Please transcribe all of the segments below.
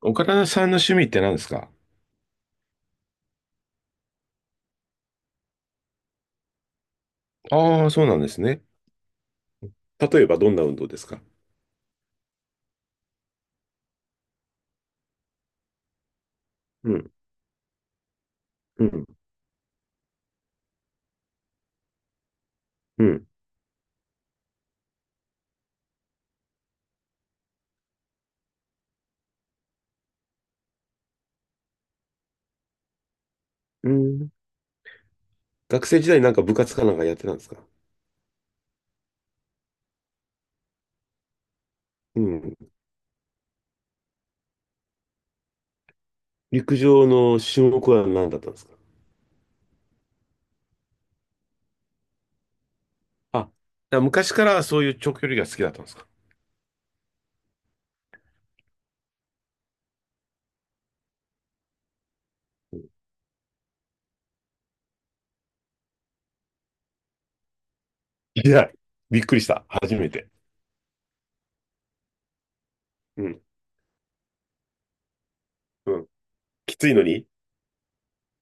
岡田さんの趣味って何ですか？ああー、そうなんですね。例えばどんな運動ですか？うん、うん、うん、うん。学生時代なんか部活かなんかやってたんですか？うん。陸上の種目は何だったんですか？あ、だから昔からそういう長距離が好きだったんですか？いや、びっくりした。初めて。うん、うん。きついのにっ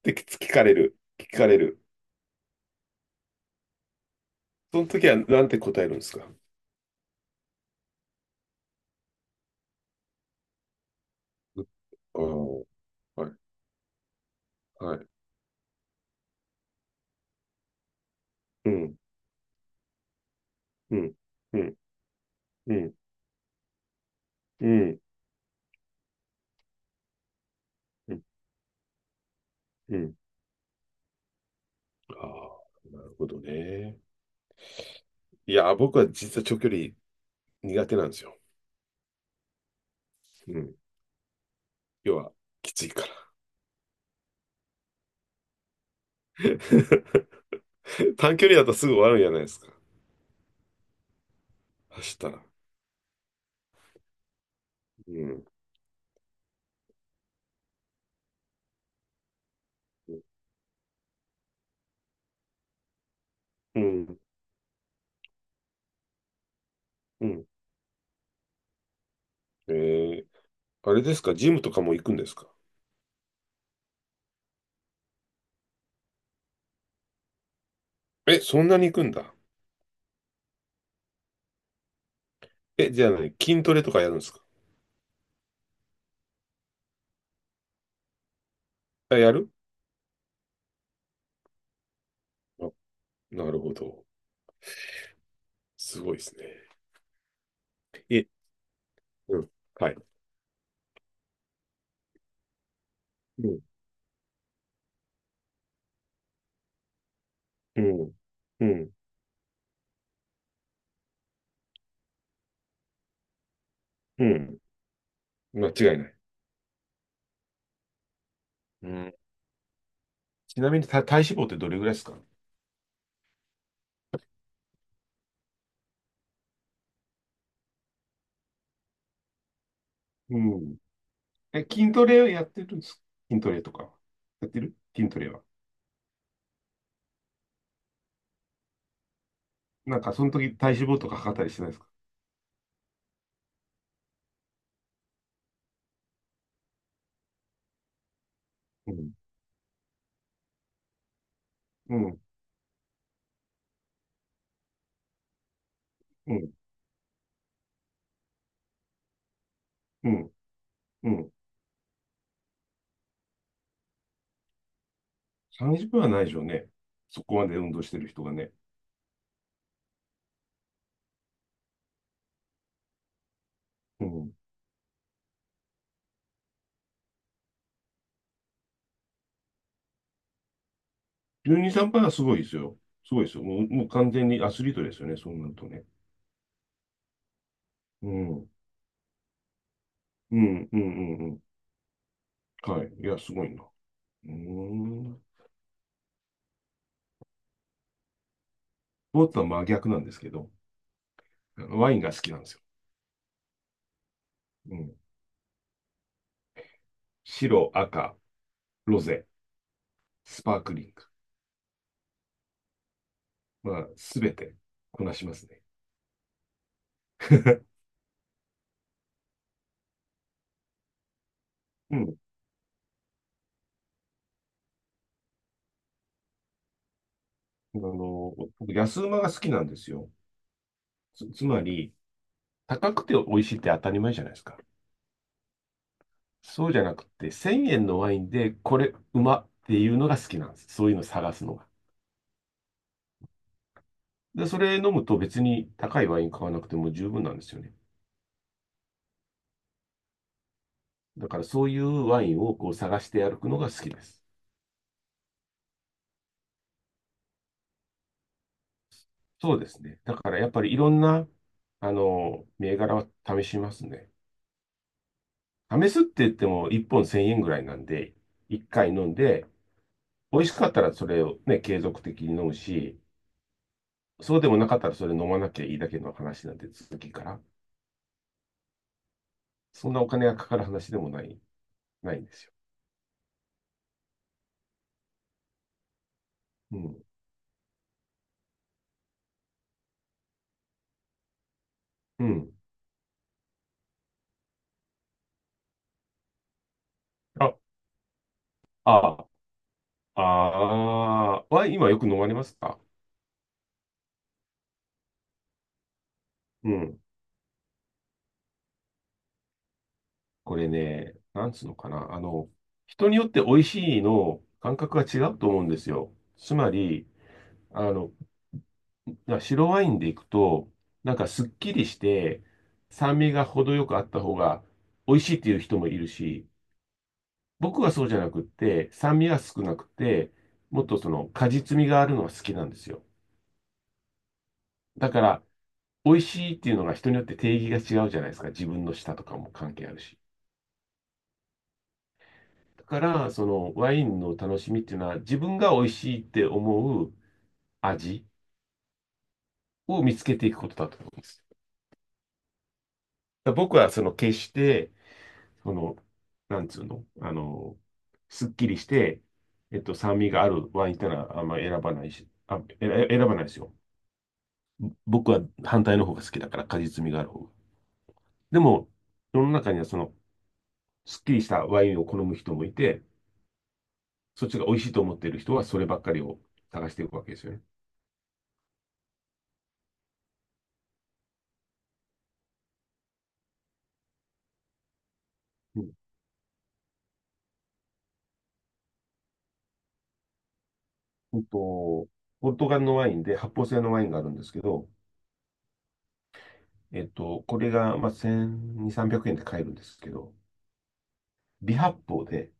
て聞かれる。聞かれる。その時はなんて答えるんですか？ああ、はい、はい。うん、うん、うん、うん、うん、うん、うん。ああ、なるほどね。いや、僕は実は長距離苦手なんですよ。うん。要は、きついから。短距離だとすぐ終わるんじゃないですか。走ったら。うん。うん。うん。えー、あれですかジムとかも行くんですか？え、そんなに行くんだ。え、じゃあ何筋トレとかやるんですか？あ、やる。あ、なるほど。すごいですね。え、うん。はい。うん。うん。うん。うん。間違いない。うん。ちなみに体脂肪ってどれぐらいですか？うん。え、筋トレやってるんですか？筋トレとか。やってる筋トレは。なんか、その時体脂肪とか測ったりしてないですか？うん。うん。うん。うん。うん。30分はないでしょうね。そこまで運動してる人がね。うん。12、3%はすごいですよ。すごいですよ。もう完全にアスリートですよね。そうなるとね。うん。うん。うん。うん。うん。はい。いや、すごいな。うーん。スポーツは真逆なんですけど、ワインが好きなんですよ。うん。白、赤、ロゼ、スパークリング。まあ、すべてこなしますね。うん。僕、安馬が好きなんですよ。つまり、高くて美味しいって当たり前じゃないですか。そうじゃなくて、1000円のワインで、これ、うまっていうのが好きなんです。そういうのを探すのが。で、それ飲むと別に高いワイン買わなくても十分なんですよね。だから、そういうワインをこう探して歩くのが好きです。そうですね。だから、やっぱりいろんな、銘柄は試しますね。試すって言っても1本1000円ぐらいなんで、1回飲んで、美味しかったらそれをね、継続的に飲むし、そうでもなかったらそれ飲まなきゃいいだけの話なんで、続きから。そんなお金がかかる話でもない、ないんですよ。うん。うん。あ、あワイン今よく飲まれますか？うん。これね、なんつうのかな。人によって美味しいの感覚が違うと思うんですよ。つまり、あの、白ワインでいくと、なんかすっきりして、酸味が程よくあった方が美味しいっていう人もいるし、僕はそうじゃなくって、酸味が少なくて、もっとその果実味があるのが好きなんですよ。だから、美味しいっていうのが人によって定義が違うじゃないですか。自分の舌とかも関係あるし。だから、そのワインの楽しみっていうのは、自分が美味しいって思う味を見つけていくことだと思うんです。だから僕はその決して、その、なんつうの、すっきりして、酸味があるワインってのはあんま選ばないし、あ、選ばないですよ。僕は反対の方が好きだから、果実味がある方が。でも、世の中にはその、すっきりしたワインを好む人もいて、そっちが美味しいと思っている人はそればっかりを探していくわけですよね。うん。うんと、ポルトガルのワインで発泡性のワインがあるんですけど、これが、まあ、1200、300円で買えるんですけど、微発泡で、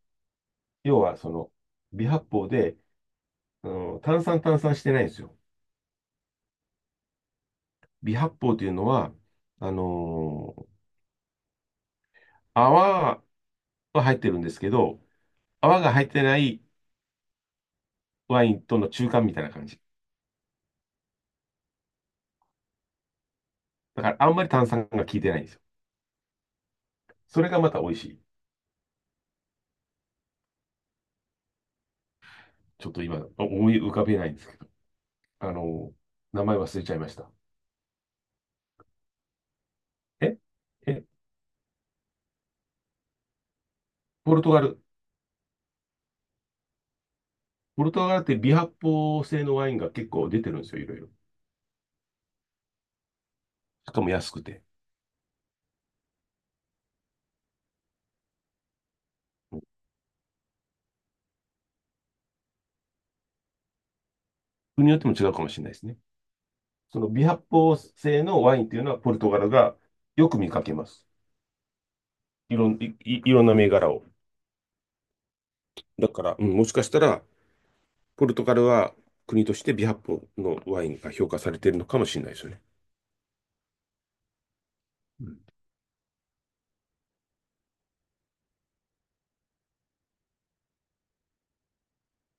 要はその、微発泡で、炭酸炭酸してないんですよ。微発泡というのは、あのー泡は入ってるんですけど、泡が入ってないワインとの中間みたいな感じ。だからあんまり炭酸が効いてないんですよ。それがまた美味しい。ちょっと今思い浮かべないんですけど。あの、名前忘れちゃいました。ええ、ポルトガル。ポルトガルって微発泡性のワインが結構出てるんですよ、いろいろ。しかも安くて。国によっても違うかもしれないですね。その微発泡性のワインっていうのはポルトガルがよく見かけます。いろんな銘柄を。だから、うん、もしかしたらポルトガルは国としてビハッポのワインが評価されているのかもしれないですよね。うん。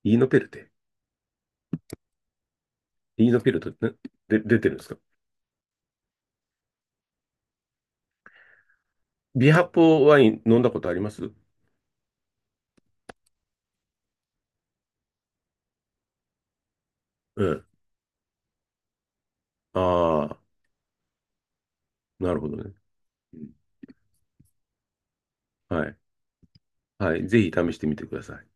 イーノペルテ。イーノペルテって、ね、で出てるんですか？ビハッポワイン飲んだことあります？うん。ああ、なるほどね。はい。はい。ぜひ試してみてください。